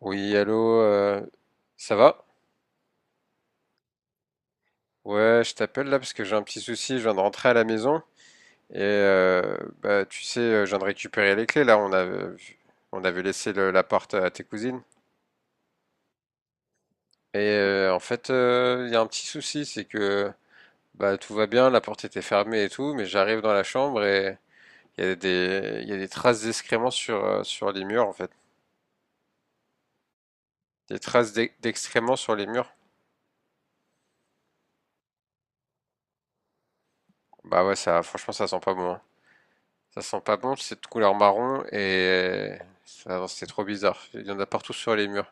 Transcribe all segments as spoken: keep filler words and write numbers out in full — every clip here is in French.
Oui, allô, euh, ça va? Ouais, je t'appelle là parce que j'ai un petit souci, je viens de rentrer à la maison et euh, bah, tu sais, euh, je viens de récupérer les clés là, on avait, on avait laissé le- la porte à tes cousines. Et euh, en fait, euh, il y a un petit souci, c'est que bah, tout va bien, la porte était fermée et tout, mais j'arrive dans la chambre et il y a des, il y a des traces d'excréments sur, euh, sur les murs en fait. Des traces d'e- d'excréments sur les murs. Bah ouais, ça, franchement, ça sent pas bon, hein. Ça sent pas bon, c'est de couleur marron et ça- c'est trop bizarre. Il y en a partout sur les murs.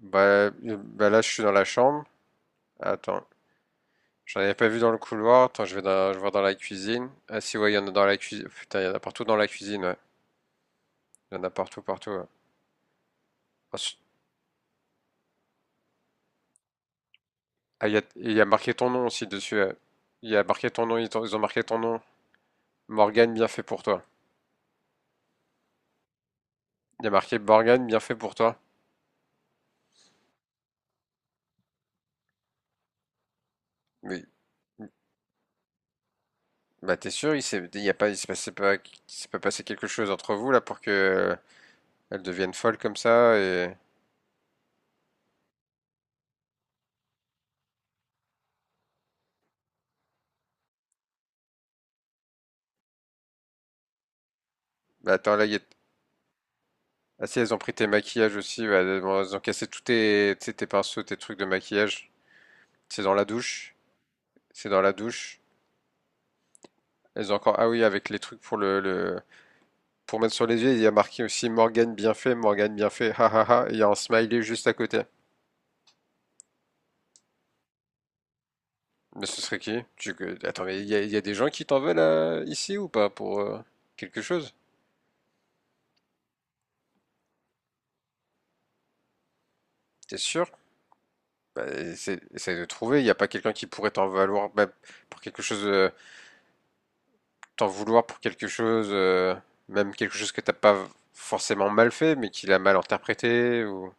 Bah, bah là, je suis dans la chambre. Attends, j'en avais pas vu dans le couloir. Attends, je vais dans, je vois dans la cuisine. Ah si, ouais, il y en a dans la cuisine. Putain, il y en a partout dans la cuisine, ouais. Il y en a partout, partout, ouais. Ah, il y a, il y a marqué ton nom aussi dessus, ouais. Il y a marqué ton nom, ils t'ont- ils ont marqué ton nom. Morgane, bien fait pour toi. Il y a marqué Morgane, bien fait pour toi. Mais bah t'es sûr, il s'est, il y a pas, il s'est passé pas, il s'est pas passé quelque chose entre vous là pour que elles deviennent folles comme ça? Et bah, attends là, il y a- ah si elles ont pris tes maquillages aussi, bah, elles ont elles ont cassé tous tes, tu sais, tes pinceaux, tes trucs de maquillage. C'est dans la douche, c'est dans la douche. Elles ont encore ah oui avec les trucs pour le, le- pour mettre sur les yeux, il y a marqué aussi Morgane bien fait, Morgane bien fait, ha ha ha. Et il y a un smiley juste à côté. Mais ce serait qui? Tu- Attends, mais il y a, il y a des gens qui t'en veulent euh, ici ou pas pour euh, quelque chose? T'es sûr? Bah, essaie, essaie de trouver. Il n'y a pas quelqu'un qui pourrait t'en valoir bah, pour quelque chose. Euh, t'en vouloir pour quelque chose, euh, même quelque chose que t'as pas forcément mal fait, mais qu'il a mal interprété ou.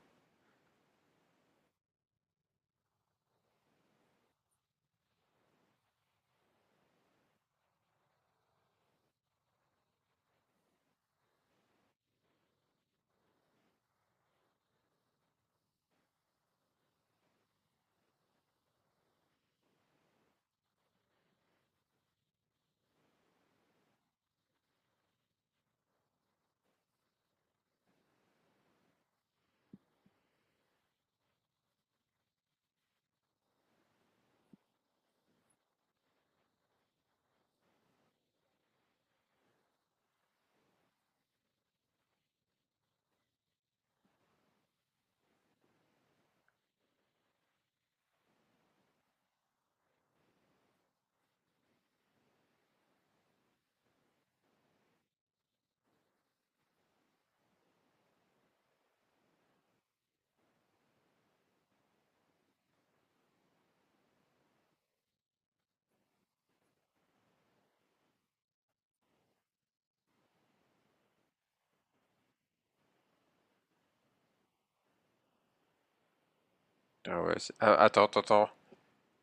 Ah ouais, c'est- ah, attends, attends, attends.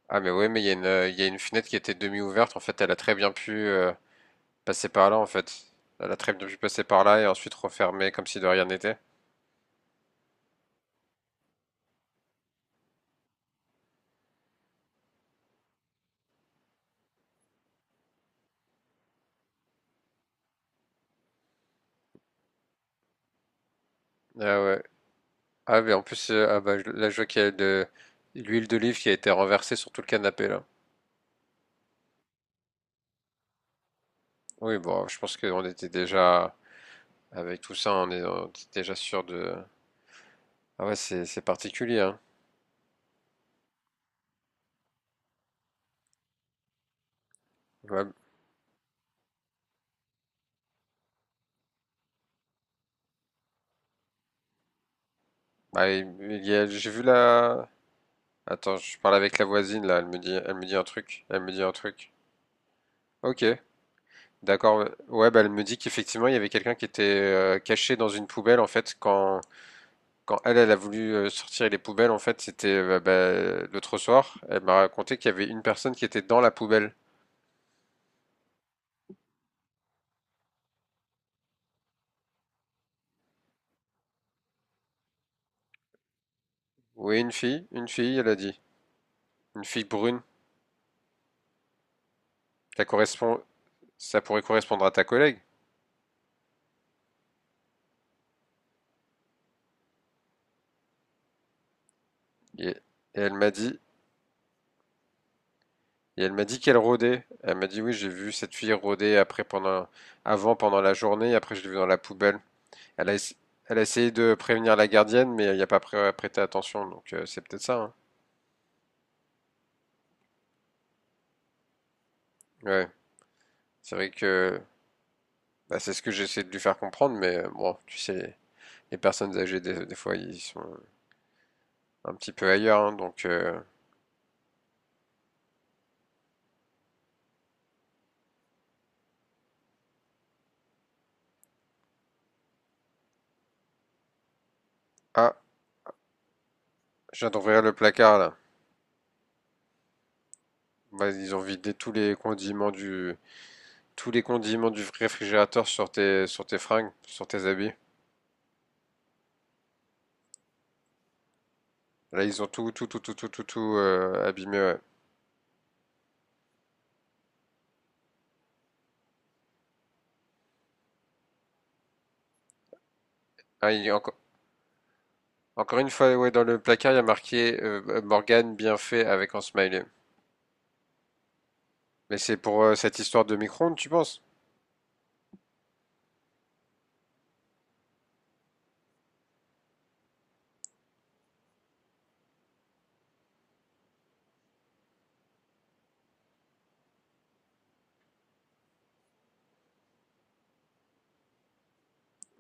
Ah mais ouais, mais il y a une, euh, il y a une fenêtre qui était demi-ouverte. En fait, elle a très bien pu euh, passer par là. En fait, elle a très bien pu passer par là et ensuite refermer comme si de rien n'était. Ah ouais. Ah mais en plus, euh, ah bah, je- là je vois qu'il y a de l'huile d'olive qui a été renversée sur tout le canapé là. Oui, bon, je pense qu'on était déjà avec tout ça, on est, on était déjà sûr de. Ah ouais, c'est c'est particulier. Hein. Ouais, bah, il- il y a- j'ai vu la... Attends, je parle avec la voisine là, elle me dit, elle me dit un truc, elle me dit un truc. Ok, d'accord. Ouais, bah elle me dit qu'effectivement il y avait quelqu'un qui était euh, caché dans une poubelle en fait quand, quand elle, elle a voulu euh, sortir les poubelles en fait c'était euh, bah, l'autre soir. Elle m'a raconté qu'il y avait une personne qui était dans la poubelle. Oui, une fille, une fille, elle a dit, une fille brune. Ça correspond, ça pourrait correspondre à ta collègue. Et, et elle m'a dit, Et elle m'a dit qu'elle rôdait. Elle m'a dit oui, j'ai vu cette fille rôder après pendant avant pendant la journée, après je l'ai vue dans la poubelle. Elle a, ess- elle a essayé de prévenir la gardienne, mais il n'y a pas pré- prêté attention, donc euh, c'est peut-être ça, hein. Ouais, c'est vrai que bah, c'est ce que j'essaie de lui faire comprendre, mais euh, bon, tu sais, les personnes âgées des, des fois ils sont un petit peu ailleurs, hein, donc euh, ah, je viens d'ouvrir le placard là. Bah, ils ont vidé tous les condiments du tous les condiments du réfrigérateur sur tes sur tes fringues, sur tes habits. Là, ils ont tout, tout, tout, tout, tout, tout, tout, euh, abîmé, ouais. Ah, il- y a enco- encore une fois, ouais, dans le placard, il y a marqué euh, euh, Morgane bien fait avec un smiley. Mais c'est pour euh, cette histoire de micro-ondes, tu penses?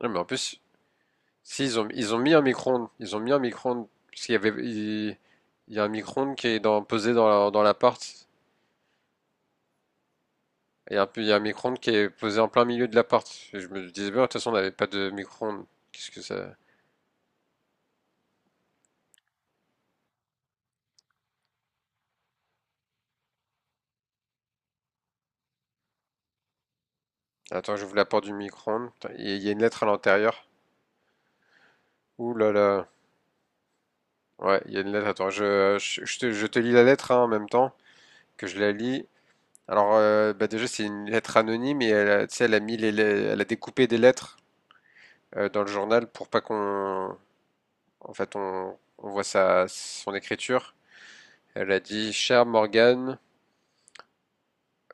Non, mais en plus, si ils ont, ils ont mis un micro-ondes, ils ont mis un micro-ondes, parce qu'il y avait, il, il y a un micro-ondes qui est dans, posé dans la- dans l'appart. Et un, peu- il y a un micro-ondes qui est posé en plein milieu de l'appart. Et je me disais, bien, de toute façon, on n'avait pas de micro-ondes. Qu'est-ce que ça? Attends, j'ouvre la porte du micro-ondes. Putain, Il y a il y a une lettre à l'intérieur. Ouh là là. Ouais, il y a une lettre. Attends, je, je, je te, je te lis la lettre hein, en même temps que je la lis. Alors, euh, bah déjà, c'est une lettre anonyme et elle, a- tu sais, elle a mis les, les- elle a découpé des lettres euh, dans le journal pour pas qu'on, en fait, on, on voit sa, son écriture. Elle a dit, cher Morgan,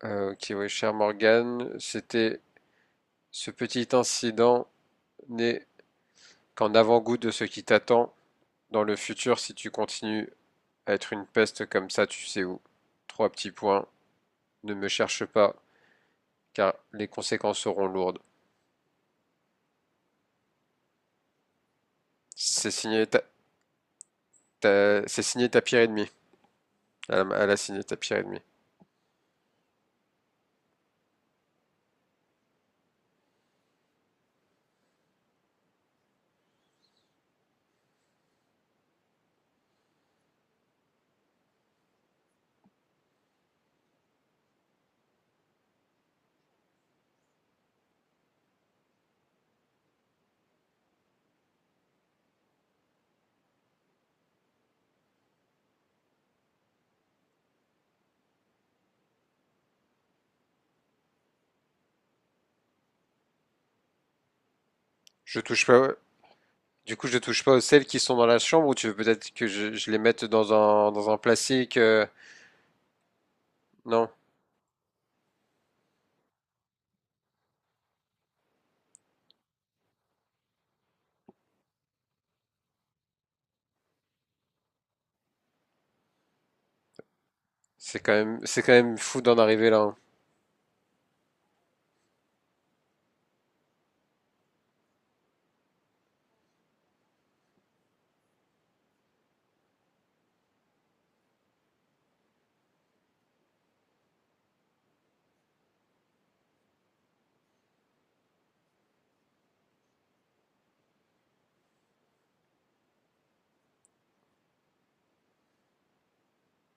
euh, ok, ouais, cher Morgan, c'était ce petit incident n'est qu'en avant-goût de ce qui t'attend dans le futur si tu continues à être une peste comme ça, tu sais où. Trois petits points. Ne me cherche pas, car les conséquences seront lourdes. C'est signé, ta- ta- c'est signé Tapir et demi. Elle, a- elle a signé Tapir et demi. Je touche pas. Du coup, je touche pas aux celles qui sont dans la chambre, ou tu veux peut-être que je, je les mette dans un, dans un plastique? euh, Non, c'est quand même, c'est quand même fou d'en arriver là, hein.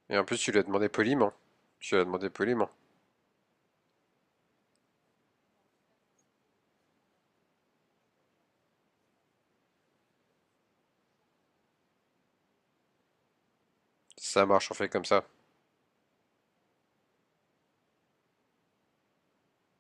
Et en plus, tu lui as demandé poliment. Tu lui as demandé poliment. Ça marche, on fait comme ça.